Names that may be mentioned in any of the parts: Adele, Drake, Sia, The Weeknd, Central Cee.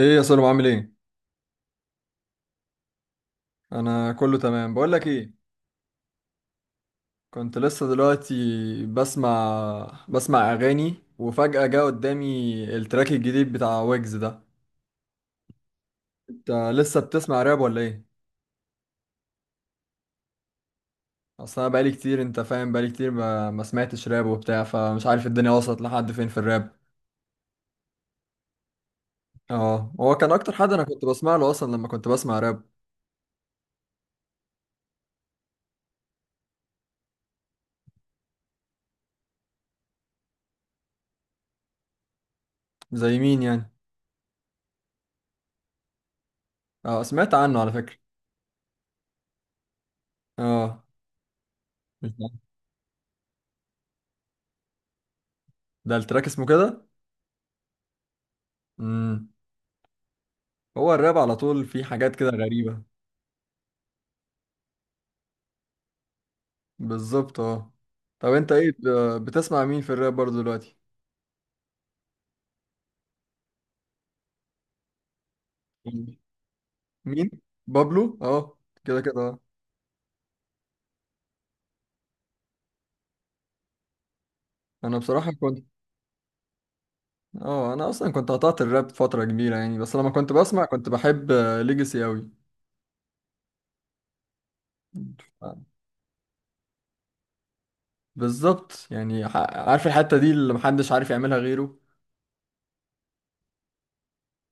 ايه يا سلام، عامل ايه؟ انا كله تمام. بقول لك ايه، كنت لسه دلوقتي بسمع اغاني وفجأة جه قدامي التراك الجديد بتاع ويجز ده. انت لسه بتسمع راب ولا ايه؟ اصل انا بقالي كتير، انت فاهم، بقالي كتير ما سمعتش راب وبتاع، فمش عارف الدنيا وصلت لحد فين في الراب. اه، هو كان اكتر حد انا كنت بسمع له اصلا لما كنت بسمع راب. زي مين يعني؟ اه، سمعت عنه على فكرة. اه. مش ده؟ ده التراك اسمه كده. امم هو الراب على طول فيه حاجات كده غريبة. بالظبط اه. طب انت ايه بتسمع مين في الراب برضه دلوقتي؟ مين؟ بابلو اه. كده كده اه. انا بصراحة كنت، اه انا اصلا كنت قطعت الراب فترة كبيرة يعني، بس لما كنت بسمع كنت بحب ليجاسي اوي. بالظبط يعني، عارف الحتة دي اللي محدش عارف يعملها غيره.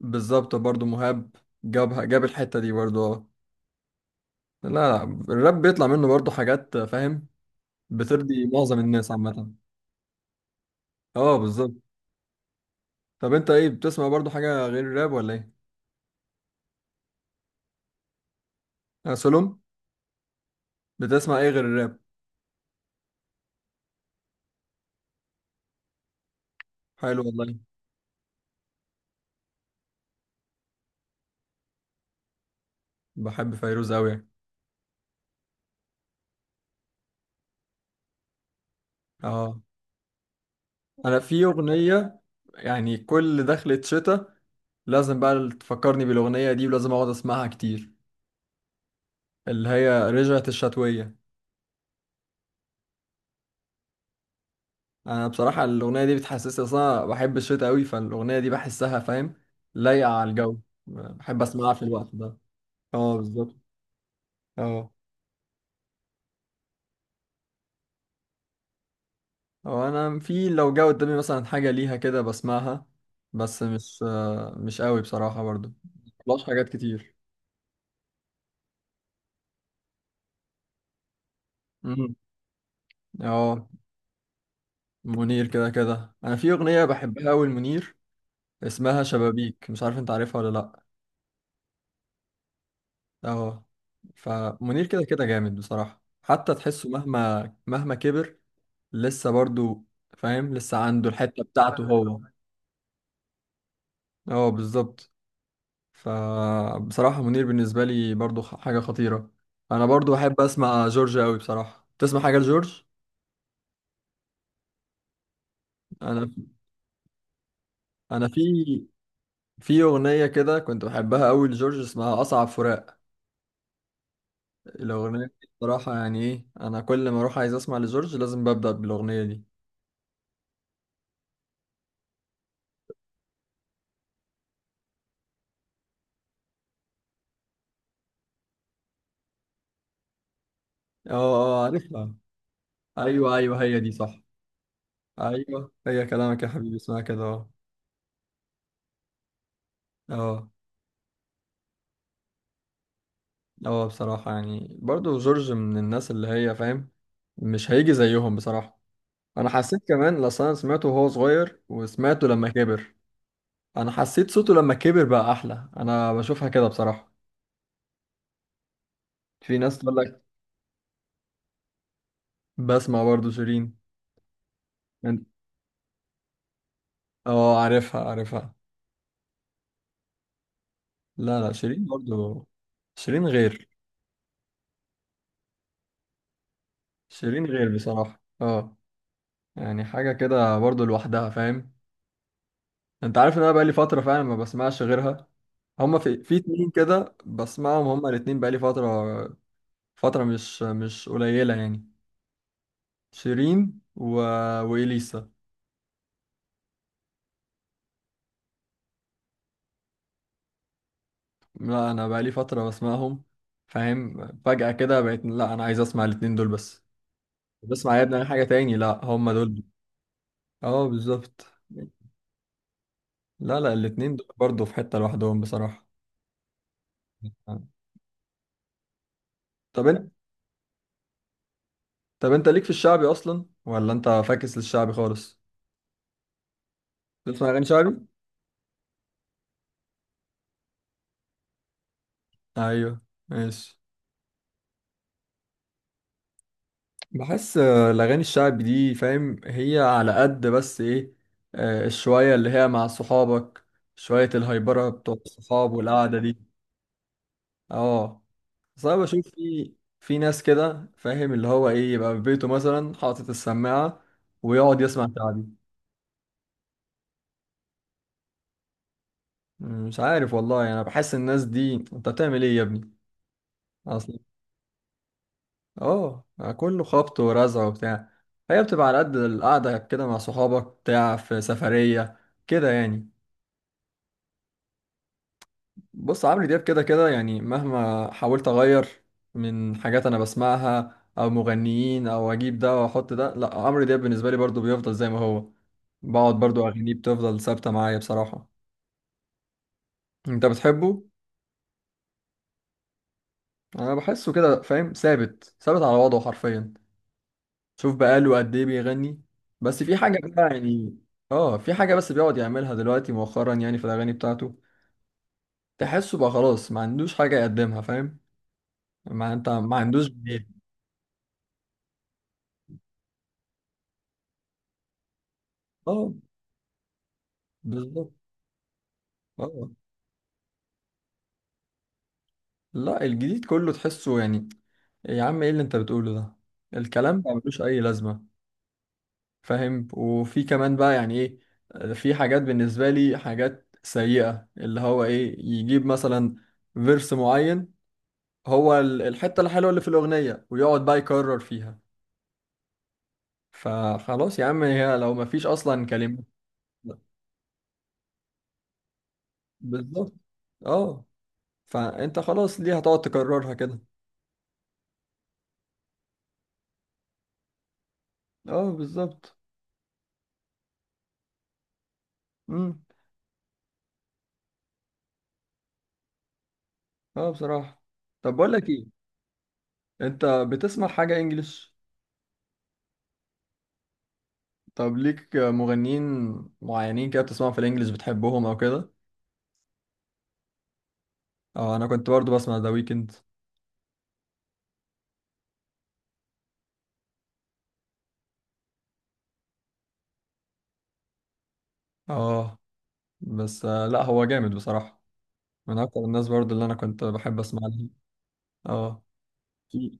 بالظبط، برضه مهاب جابها، جاب الحتة دي برضه اه. لا لا، الراب بيطلع منه برضه حاجات، فاهم، بترضي معظم الناس عامة. اه بالظبط. طب انت ايه بتسمع برضه حاجة غير الراب ولا ايه؟ سلوم، بتسمع ايه غير الراب؟ حلو والله. بحب فيروز قوي يعني. اه، انا في اغنيه، يعني كل دخلة شتاء لازم بقى تفكرني بالاغنيه دي ولازم اقعد اسمعها كتير. اللي هي رجعت الشتويه. انا بصراحه الاغنيه دي بتحسسني، اصلا بحب الشتاء قوي، فالاغنيه دي بحسها، فاهم، لايقه على الجو. بحب اسمعها في الوقت ده. اه بالظبط اه. هو انا في لو جه قدامي مثلا حاجه ليها كده بسمعها، بس مش مش قوي بصراحه برضو. مبسمعش حاجات كتير. امم، اه. منير كده كده، انا في اغنيه بحبها قوي منير، اسمها شبابيك، مش عارف انت عارفها ولا لا. اه. فمنير كده كده جامد بصراحه، حتى تحسه مهما مهما كبر لسه برضو، فاهم، لسه عنده الحته بتاعته هو. اه بالظبط. فبصراحة منير بالنسبة لي برضو حاجة خطيرة. أنا برضو بحب أسمع جورج أوي بصراحة. تسمع حاجة لجورج؟ أنا أنا في أغنية كده كنت بحبها أوي لجورج، اسمها أصعب فراق. الأغنية دي بصراحة يعني إيه، أنا كل ما أروح عايز أسمع لجورج لازم ببدأ بالأغنية دي. أه أه، عارفها. أيوه أيوه، هي دي صح. أيوه، هي كلامك يا حبيبي اسمها كده، أه. أه. أه بصراحة يعني برضو جورج من الناس اللي هي، فاهم، مش هيجي زيهم بصراحة. انا حسيت كمان لأصل انا سمعته وهو صغير وسمعته لما كبر. انا حسيت صوته لما كبر بقى احلى، انا بشوفها كده بصراحة. في ناس تقول لك، بسمع برضو شيرين. أنت- اه عارفها عارفها. لا لا شيرين برضو، شيرين غير، شيرين غير بصراحة اه. يعني حاجة كده برضو لوحدها، فاهم. انت عارف ان انا بقالي فترة فعلا ما بسمعش غيرها. هما في اتنين كده بسمعهم، هما الاتنين بقالي فترة، فترة مش قليلة يعني. شيرين و... وإليسا. لا انا بقالي فتره بسمعهم، فاهم، فجاه كده بقيت لا، انا عايز اسمع الاتنين دول بس. بسمع يا ابني أي حاجه تاني، لا هم دول. اه بالظبط. لا لا الاتنين دول برضه في حته لوحدهم بصراحه. طب انت طب انت ليك في الشعبي اصلا ولا انت فاكس للشعبي خالص؟ بتسمع اغاني شعبي؟ ايوه ماشي. بحس الاغاني الشعبي دي، فاهم، هي على قد بس ايه، الشويه اللي هي مع صحابك، شويه الهايبره بتوع الصحاب والقعده دي. اه. اصل انا بشوف في، في ناس كده، فاهم، اللي هو ايه يبقى في بيته مثلا حاطط السماعة ويقعد يسمع شعبي. مش عارف والله يعني، انا بحس الناس دي انت بتعمل ايه يا ابني اصلا. اه يعني كله خبط ورزع وبتاع. هي بتبقى على قد القعدة كده مع صحابك بتاع في سفرية كده يعني. بص، عمرو دياب كده كده يعني، مهما حاولت اغير من حاجات انا بسمعها او مغنيين او اجيب ده واحط ده، لا عمرو دياب بالنسبه لي برضو بيفضل زي ما هو. بقعد برضو اغانيه بتفضل ثابته معايا بصراحه. انت بتحبه؟ انا بحسه كده، فاهم، ثابت ثابت على وضعه حرفيا. شوف بقاله قد ايه بيغني. بس في حاجه بقى يعني، اه في حاجه بس بيقعد يعملها دلوقتي مؤخرا يعني في الاغاني بتاعته. تحسه بقى خلاص ما عندوش حاجه يقدمها، فاهم. ما انت ما عندوش جديد. اه بالظبط. اه لا الجديد كله تحسه يعني، يا عم ايه اللي انت بتقوله ده، الكلام ما ملوش اي لازمه، فاهم. وفي كمان بقى يعني ايه، في حاجات بالنسبه لي حاجات سيئه اللي هو ايه يجيب مثلا فيرس معين، هو الحته الحلوه اللي في الاغنيه ويقعد بقى يكرر فيها. فخلاص يا عم، هي لو ما فيش اصلا كلمات. بالظبط اه. فانت خلاص ليه هتقعد تكررها كده؟ اه بالظبط. امم، اه بصراحه. طب بقول لك ايه، انت بتسمع حاجة انجليش؟ طب ليك مغنيين معينين كده بتسمعهم في الانجليش بتحبهم او كده؟ اه انا كنت برضو بسمع ذا ويكند. اه، بس لا هو جامد بصراحة. من اكتر الناس برضو اللي انا كنت بحب اسمع لهم. اه. في،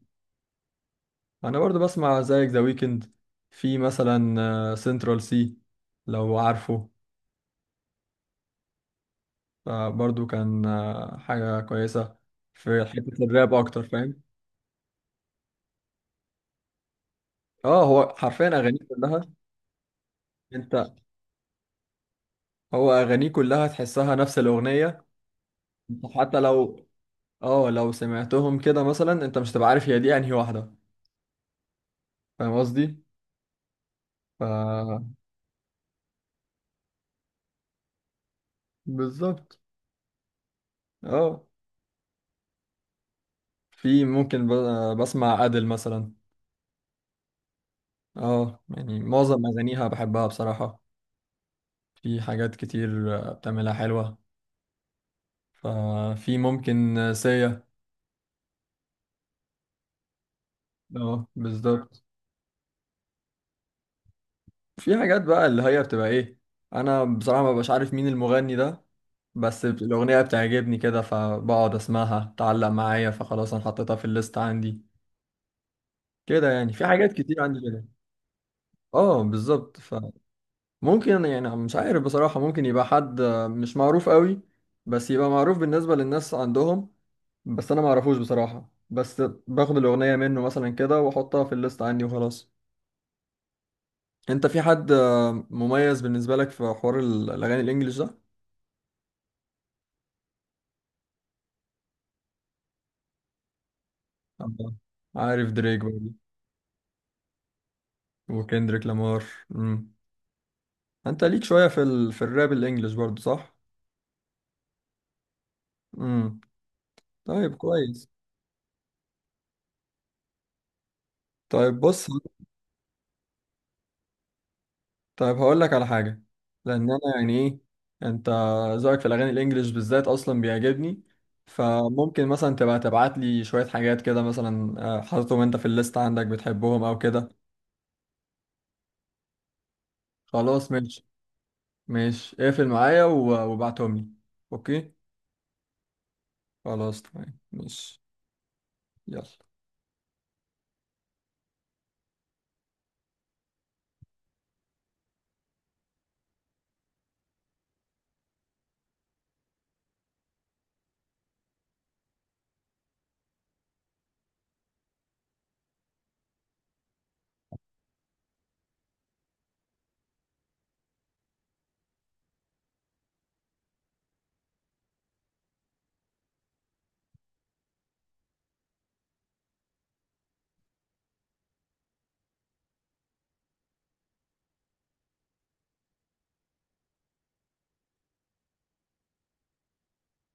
انا برضو بسمع زيك ذا ويكند. في مثلا سنترال سي، لو عارفه. برضو كان حاجة كويسة. في حتة الراب اكتر، فاهم. اه هو حرفيا اغانيه كلها. انت، هو اغانيه كلها تحسها نفس الاغنيه. انت حتى لو، اه لو سمعتهم كده مثلا انت مش هتبقى عارف هي دي انهي واحده. فاهم قصدي؟ ف بالظبط اه. في ممكن بسمع ادل مثلا. اه يعني معظم اغانيها بحبها بصراحه. في حاجات كتير بتعملها حلوه. ففي ممكن سيا. اه بالظبط. في حاجات بقى اللي هي بتبقى ايه، انا بصراحة ما ببقاش عارف مين المغني ده، بس الاغنية بتعجبني كده فبقعد اسمعها، تعلق معايا فخلاص انا حطيتها في الليست عندي. كده يعني في حاجات كتير عندي كده. اه بالظبط. فممكن يعني مش عارف بصراحة، ممكن يبقى حد مش معروف قوي، بس يبقى معروف بالنسبة للناس عندهم، بس انا ما اعرفوش بصراحة، بس باخد الاغنية منه مثلا كده واحطها في الليست عندي وخلاص. انت في حد مميز بالنسبة لك في حوار الاغاني الانجليش ده؟ آه. عارف دريك برضه وكندريك لامار. امم انت ليك شويه في في الراب الانجليش برضه صح؟ امم. طيب كويس. طيب بص، طيب هقول لك على حاجه لان انا يعني ايه، انت ذوقك في الاغاني الانجليش بالذات اصلا بيعجبني، فممكن مثلا تبقى تبعت لي شويه حاجات كده مثلا حاططهم انت في الليست عندك بتحبهم او كده. خلاص ماشي. ماشي اقفل معايا وابعتهم لي. اوكي. خلاص تمام ماشي. يلا.